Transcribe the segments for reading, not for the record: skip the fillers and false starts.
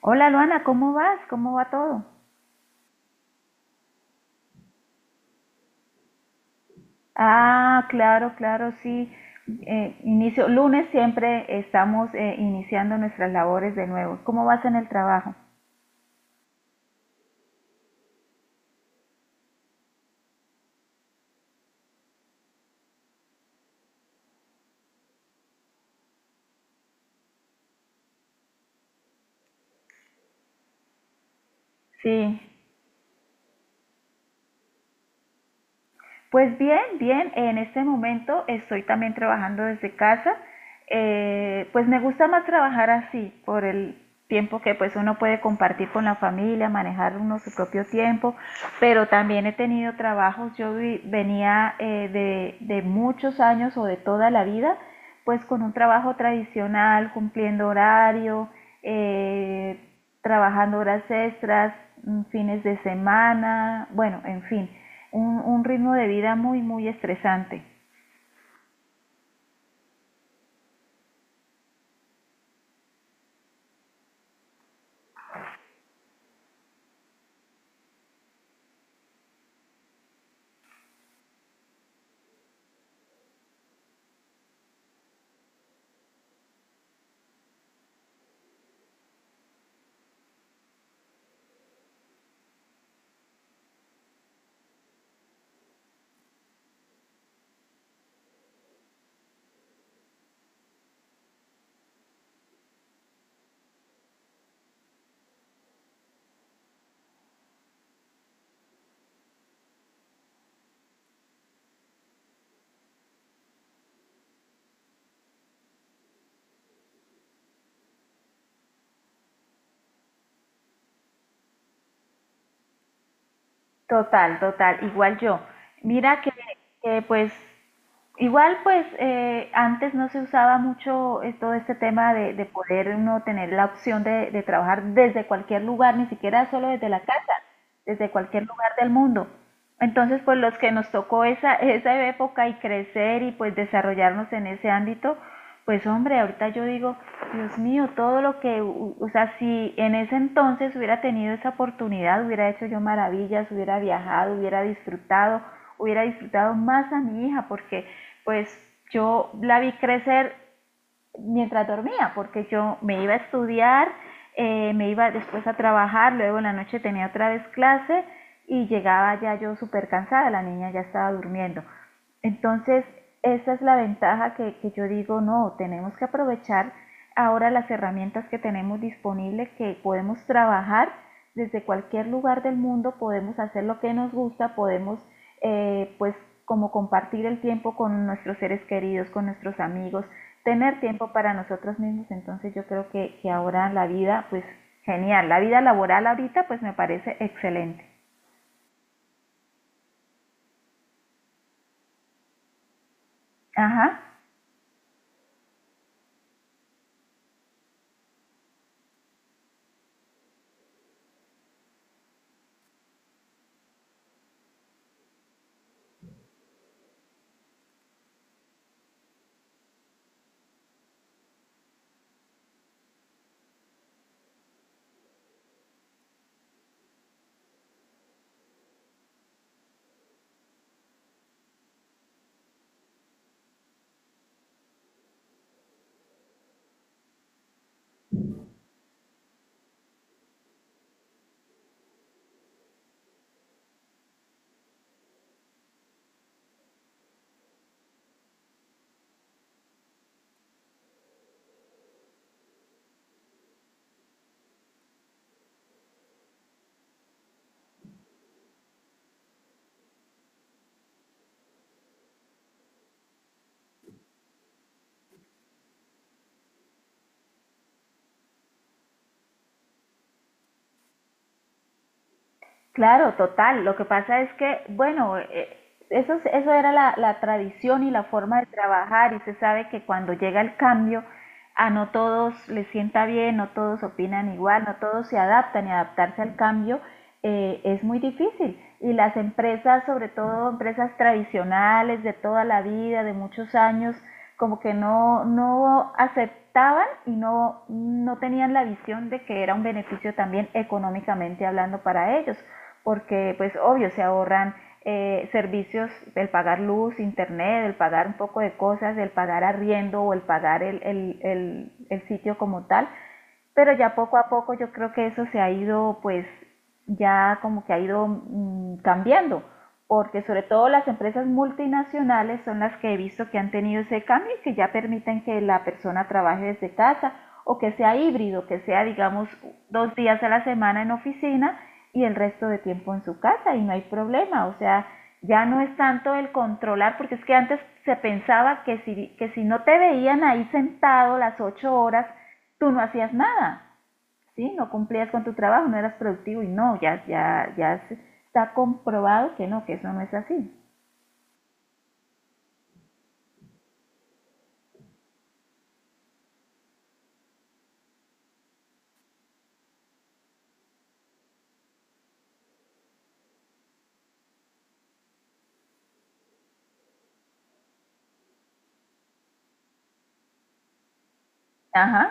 Hola Luana, ¿cómo vas? ¿Cómo va todo? Ah, claro, claro, sí. Inicio, lunes siempre estamos iniciando nuestras labores de nuevo. ¿Cómo vas en el trabajo? Sí. Pues bien, bien, en este momento estoy también trabajando desde casa. Pues me gusta más trabajar así, por el tiempo que pues uno puede compartir con la familia, manejar uno su propio tiempo, pero también he tenido trabajos, venía de muchos años o de toda la vida pues con un trabajo tradicional, cumpliendo horario, eh, trabajando horas extras, fines de semana, bueno, en fin, un ritmo de vida muy, muy estresante. Total, total, igual yo. Mira, pues igual pues antes no se usaba mucho todo este tema de poder uno tener la opción de trabajar desde cualquier lugar, ni siquiera solo desde la casa, desde cualquier lugar del mundo. Entonces pues los que nos tocó esa, esa época y crecer y pues desarrollarnos en ese ámbito, pues hombre, ahorita yo digo, Dios mío, todo lo que, o sea, si en ese entonces hubiera tenido esa oportunidad, hubiera hecho yo maravillas, hubiera viajado, hubiera disfrutado más a mi hija, porque pues yo la vi crecer mientras dormía, porque yo me iba a estudiar, me iba después a trabajar, luego en la noche tenía otra vez clase y llegaba ya yo súper cansada, la niña ya estaba durmiendo. Entonces, esa es la ventaja que yo digo, no, tenemos que aprovechar ahora las herramientas que tenemos disponibles, que podemos trabajar desde cualquier lugar del mundo, podemos hacer lo que nos gusta, podemos pues como compartir el tiempo con nuestros seres queridos, con nuestros amigos, tener tiempo para nosotros mismos, entonces yo creo que ahora la vida, pues genial, la vida laboral ahorita pues me parece excelente. Ajá. Claro, total. Lo que pasa es que, bueno, eso, eso era la, la tradición y la forma de trabajar y se sabe que cuando llega el cambio, a no todos les sienta bien, no todos opinan igual, no todos se adaptan y adaptarse al cambio es muy difícil. Y las empresas, sobre todo empresas tradicionales de toda la vida, de muchos años, como que no, no aceptaban y no, no tenían la visión de que era un beneficio también económicamente hablando para ellos porque pues obvio se ahorran servicios, el pagar luz, internet, el pagar un poco de cosas, el pagar arriendo o el pagar el sitio como tal, pero ya poco a poco yo creo que eso se ha ido pues ya como que ha ido cambiando, porque sobre todo las empresas multinacionales son las que he visto que han tenido ese cambio y que ya permiten que la persona trabaje desde casa o que sea híbrido, que sea digamos dos días a la semana en oficina y el resto de tiempo en su casa y no hay problema, o sea, ya no es tanto el controlar, porque es que antes se pensaba que si no te veían ahí sentado las ocho horas, tú no hacías nada, ¿sí? No cumplías con tu trabajo, no eras productivo y no, ya está comprobado que no, que eso no es así. Ajá,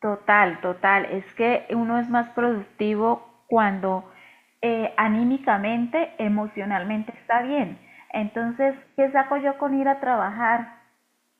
total, total. Es que uno es más productivo cuando anímicamente, emocionalmente está bien. Entonces, ¿qué saco yo con ir a trabajar?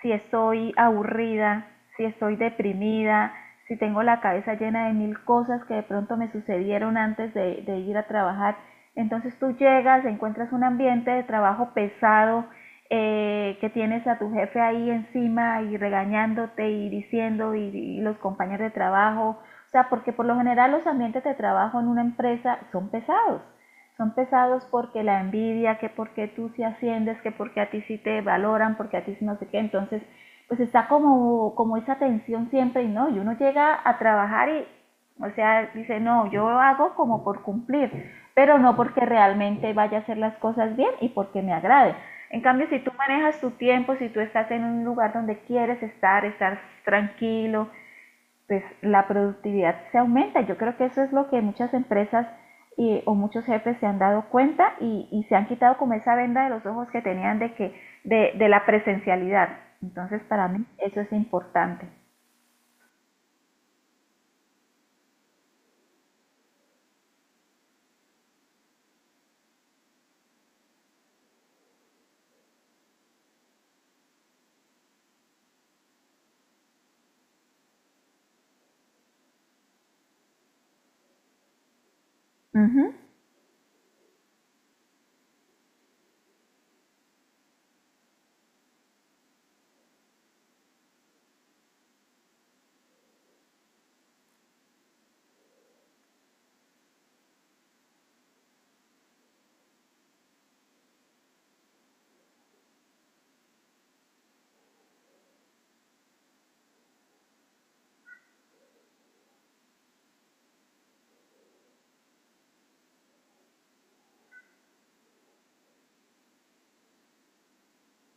Si estoy aburrida, si estoy deprimida, si tengo la cabeza llena de mil cosas que de pronto me sucedieron antes de ir a trabajar. Entonces tú llegas, encuentras un ambiente de trabajo pesado, que tienes a tu jefe ahí encima y regañándote y diciendo y los compañeros de trabajo, o sea, porque por lo general los ambientes de trabajo en una empresa son pesados porque la envidia, que porque tú sí asciendes, que porque a ti sí te valoran, porque a ti sí no sé qué, entonces pues está como, como esa tensión siempre y no, y uno llega a trabajar y, o sea, dice, no, yo lo hago como por cumplir, pero no porque realmente vaya a hacer las cosas bien y porque me agrade. En cambio, si tú manejas tu tiempo, si tú estás en un lugar donde quieres estar, estar tranquilo, pues la productividad se aumenta. Yo creo que eso es lo que muchas empresas y, o muchos jefes se han dado cuenta y, se han quitado como esa venda de los ojos que tenían de que de la presencialidad. Entonces para mí eso es importante. Uh -huh,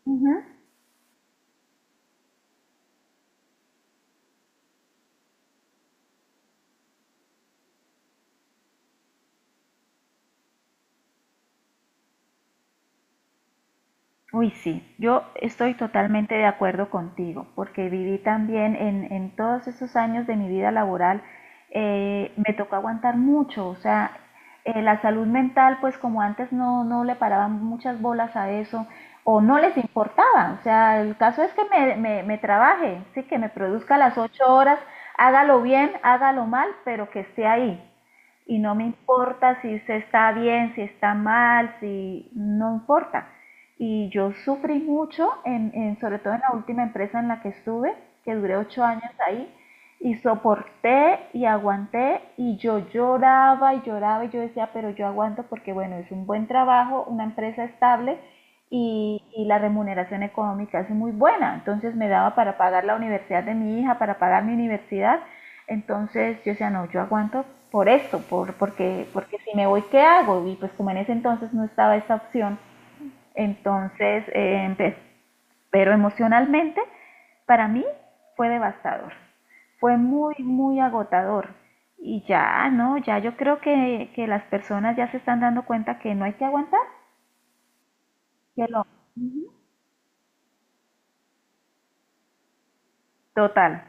uh -huh. Uy, sí, yo estoy totalmente de acuerdo contigo, porque viví también en todos esos años de mi vida laboral, me tocó aguantar mucho, o sea, la salud mental, pues como antes no, no le paraban muchas bolas a eso, o no les importaba, o sea, el caso es que me trabaje, sí, que me produzca las ocho horas, hágalo bien, hágalo mal, pero que esté ahí y no me importa si usted está bien, si está mal, si no importa. Y yo sufrí mucho, en, sobre todo en la última empresa en la que estuve, que duré ocho años ahí, y soporté y aguanté y yo lloraba y lloraba y yo decía, pero yo aguanto porque bueno, es un buen trabajo, una empresa estable y la remuneración económica es muy buena, entonces me daba para pagar la universidad de mi hija, para pagar mi universidad entonces yo decía, no, yo aguanto por esto, por, porque, porque si me voy, ¿qué hago? Y pues como en ese entonces no estaba esa opción, entonces empecé. Pero emocionalmente, para mí fue devastador, fue muy, muy agotador. Y ya, no, ya yo creo que las personas ya se están dando cuenta que no hay que aguantar, que lo total,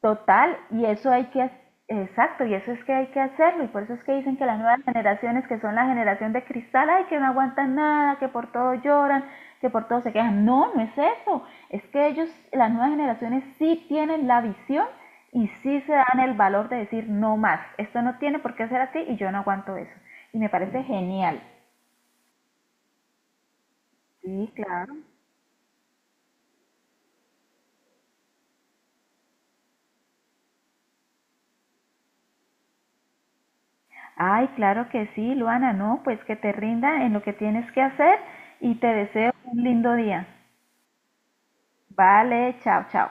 total, y eso hay que, exacto, y eso es que hay que hacerlo, y por eso es que dicen que las nuevas generaciones, que son la generación de cristal, ay, que no aguantan nada, que por todo lloran, que por todo se quejan. No, no es eso, es que ellos, las nuevas generaciones sí tienen la visión y sí se dan el valor de decir no más, esto no tiene por qué ser así y yo no aguanto eso. Y me parece genial. Sí, claro. Ay, claro que sí, Luana, no, pues que te rinda en lo que tienes que hacer y te deseo un lindo día. Vale, chao, chao.